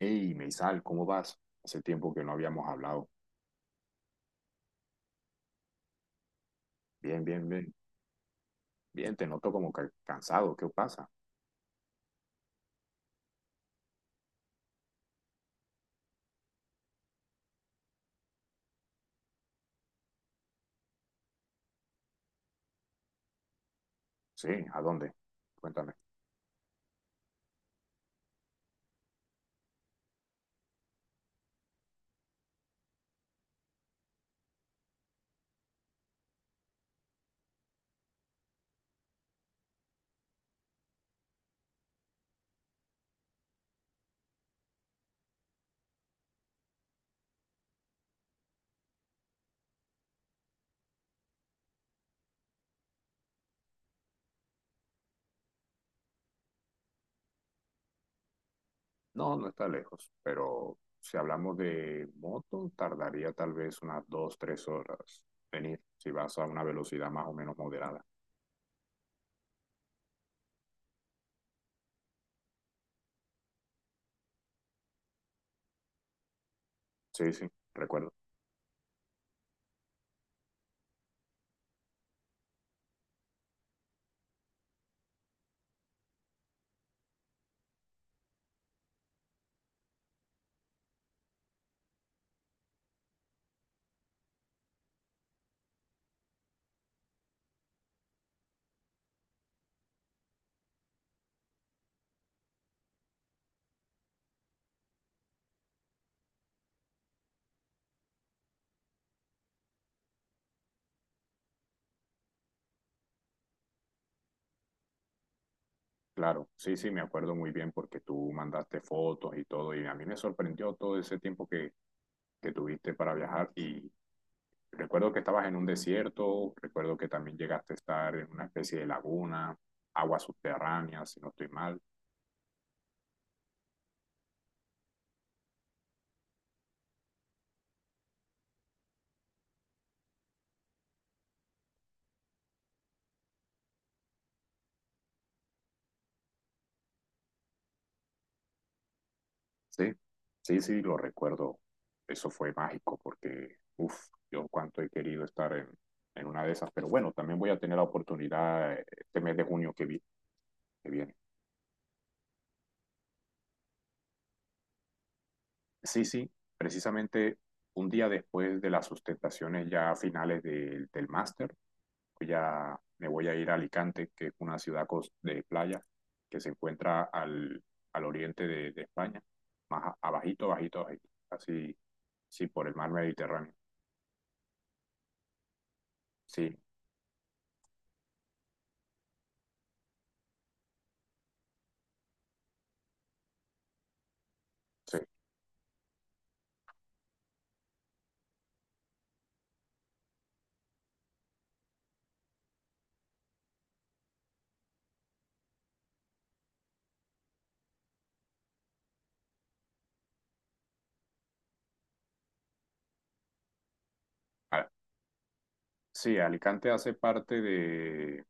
Hey, Meisal, ¿cómo vas? Hace tiempo que no habíamos hablado. Bien, bien, bien. Bien, te noto como que cansado. ¿Qué pasa? Sí, ¿a dónde? Cuéntame. No, no está lejos, pero si hablamos de moto, tardaría tal vez unas dos, tres horas venir, si vas a una velocidad más o menos moderada. Sí, sí, recuerdo. Claro, sí, sí, me acuerdo muy bien porque tú mandaste fotos y todo, y a mí me sorprendió todo ese tiempo que tuviste para viajar. Recuerdo que estabas en un desierto, recuerdo que también llegaste a estar en una especie de laguna, aguas subterráneas, si no estoy mal. Sí, sí, sí, lo recuerdo. Eso fue mágico porque, uff, yo cuánto he querido en una de esas. Pero bueno, también voy a tener la oportunidad este mes de junio que viene. Sí, sí, precisamente un día después de las sustentaciones ya finales del máster. Me voy a ir a Alicante, que es una ciudad de playa que se encuentra al oriente de España, más abajito, bajito abajito, así, sí, por el mar Mediterráneo. Sí, sí. A- sí, Alicante hace parte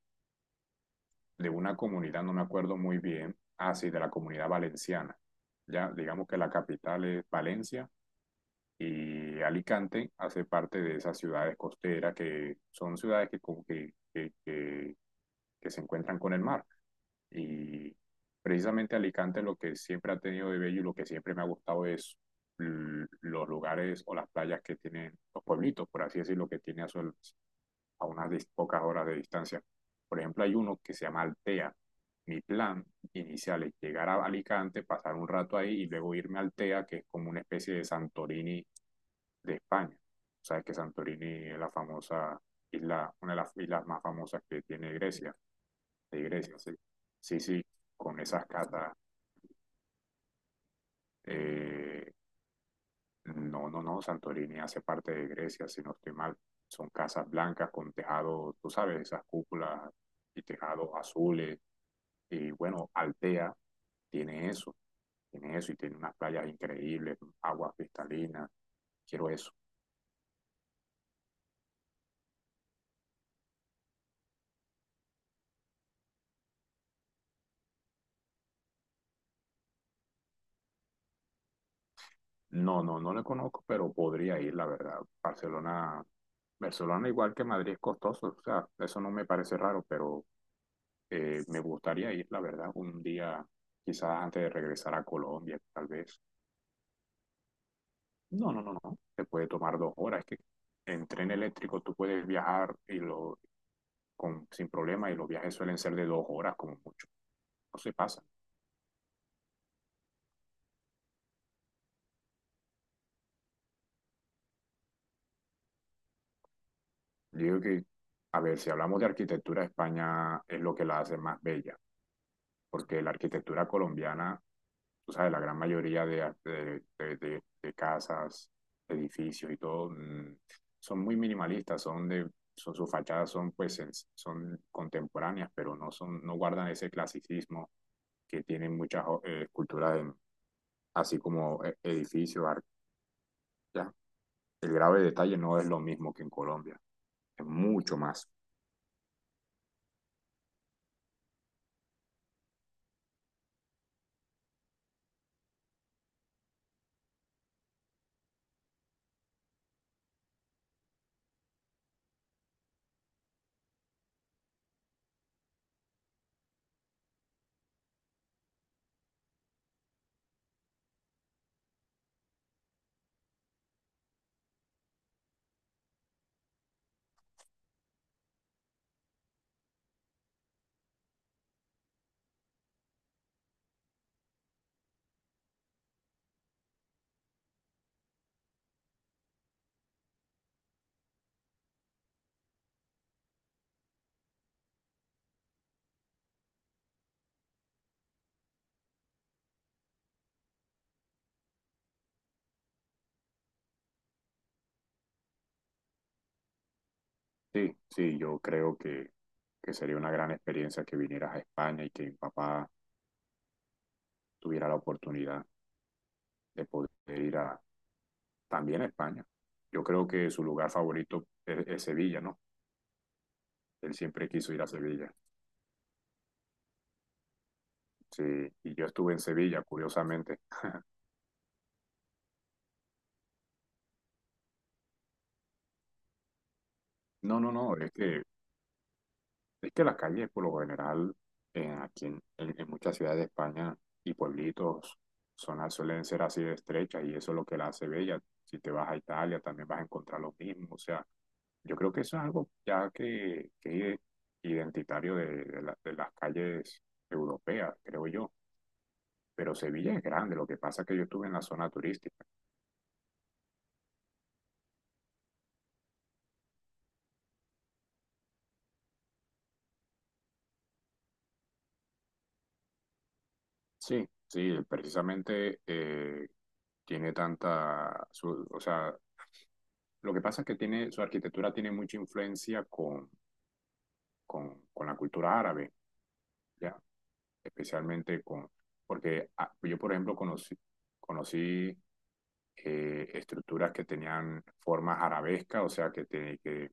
de una comunidad, no me acuerdo muy bien, ah, sí, de la comunidad valenciana. Ya, digamos que la capital es Valencia y Alicante hace parte de esas ciudades costeras que son ciudades que, como que, que que se encuentran con el mar. Y precisamente Alicante lo que siempre ha tenido de bello y lo que siempre me ha gustado es los lugares o las playas que tienen los pueblitos, por así decirlo, que tiene a, su, a unas pocas horas de distancia. Por ejemplo, hay uno que se llama Altea. Mi plan inicial es llegar a Alicante, pasar un rato ahí y luego irme a Altea, que es como una especie de Santorini de España. Sabes que Santorini es la famosa isla, una de las islas más famosas que tiene Grecia. De Grecia, sí. Sí, sí, con esas catas. eh, no, no, no, Santorini hace parte de Grecia, si no estoy mal. Son casas blancas con tejado, tú sabes, esas cúpulas y tejados azules. Y bueno, Altea tiene eso, tiene eso y tiene unas playas increíbles, aguas cristalinas. Quiero eso. No, no, no le conozco, pero podría ir, la verdad. Barcelona igual que Madrid es costoso, o sea, eso no me parece raro, pero me gustaría ir, la verdad, un día, quizás antes de regresar a Colombia, tal vez. No, no, no, no. Te puede tomar dos horas. Es que en tren eléctrico tú puedes con, sin problema y los viajes suelen ser de dos horas como mucho. No se pasa. Digo que, a ver, si hablamos de arquitectura, España es lo que la hace más bella. Porque la arquitectura colombiana, o sea, la gran mayoría de casas, edificios y todo, son muy minimalistas, son, sus fachadas son pues son contemporáneas, pero no son, no guardan ese clasicismo que tienen muchas esculturas así como edificios, ya. El grave detalle no es lo mismo que en Colombia, es mucho más. Sí, sí, yo creo que sería una gran experiencia que vinieras a España y que mi papá tuviera la oportunidad de poder ir a, también a España. Yo creo que su lugar favorito es Sevilla, ¿no? Él siempre quiso ir a Sevilla. Sí, y yo estuve en Sevilla, curiosamente. No, no, no, es que las calles, por lo general, en, aquí en muchas ciudades de España y pueblitos son, suelen ser así de estrechas y eso es lo que la hace bella. Si te vas a Italia, también vas a encontrar lo mismo. O sea, yo creo que eso es algo ya que es identitario de las calles europeas, creo yo. Pero Sevilla es grande, lo que pasa es que yo estuve en la zona turística. Sí, sí, precisamente tiene tanta, o sea, lo que pasa es que tiene, su arquitectura tiene mucha influencia con la cultura árabe, ¿ya? Especialmente con, porque ah, yo, por ejemplo, conocí estructuras que tenían formas arabescas, o sea, que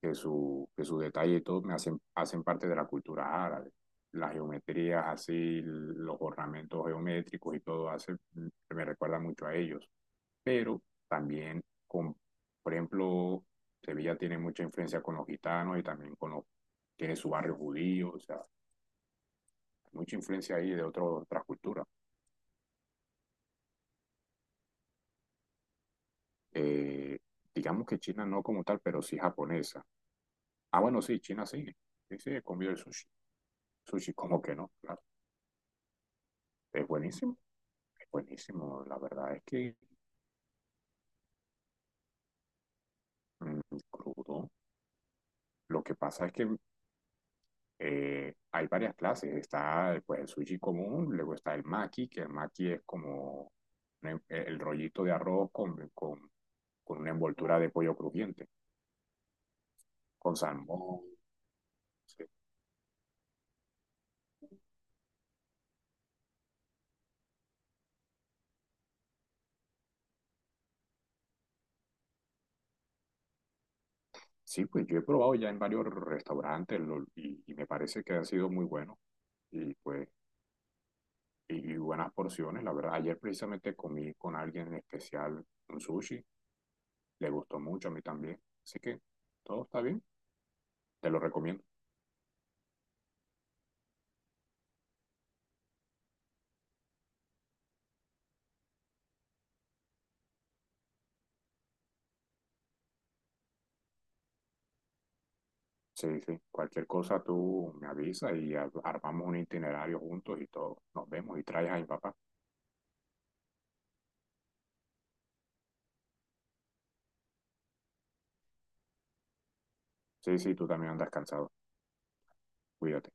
que su detalle y todo me hacen, hacen parte de la cultura árabe. Las geometrías así, los ornamentos geométricos y todo hace, me recuerda mucho a ellos. Pero también, con, por ejemplo, Sevilla tiene mucha influencia con los gitanos y también con los, tiene su barrio judío, o sea, mucha influencia ahí otras culturas. Eh, digamos que China no como tal, pero sí japonesa. Ah, bueno, sí, China sí, sí, sí, he comido el sushi. Sushi, como que no, claro. Es buenísimo. Buenísimo, la verdad es que mm, crudo. Lo que pasa es que hay varias clases. Está pues, el sushi común, luego está el maki, que el maki es como el rollito de arroz con una envoltura de pollo crujiente, con salmón. Sí, sí, pues yo he probado ya en varios restaurantes y me parece que han sido muy buenos y pues y buenas porciones, la verdad. Ayer precisamente comí con alguien en especial un sushi le gustó mucho a mí también. Así que todo está bien, te lo recomiendo. Sí, sí, cualquier cosa tú me avisas y armamos un itinerario juntos y todo. Nos vemos y traes a mi papá. Sí, sí, tú también andas cansado. Cuídate.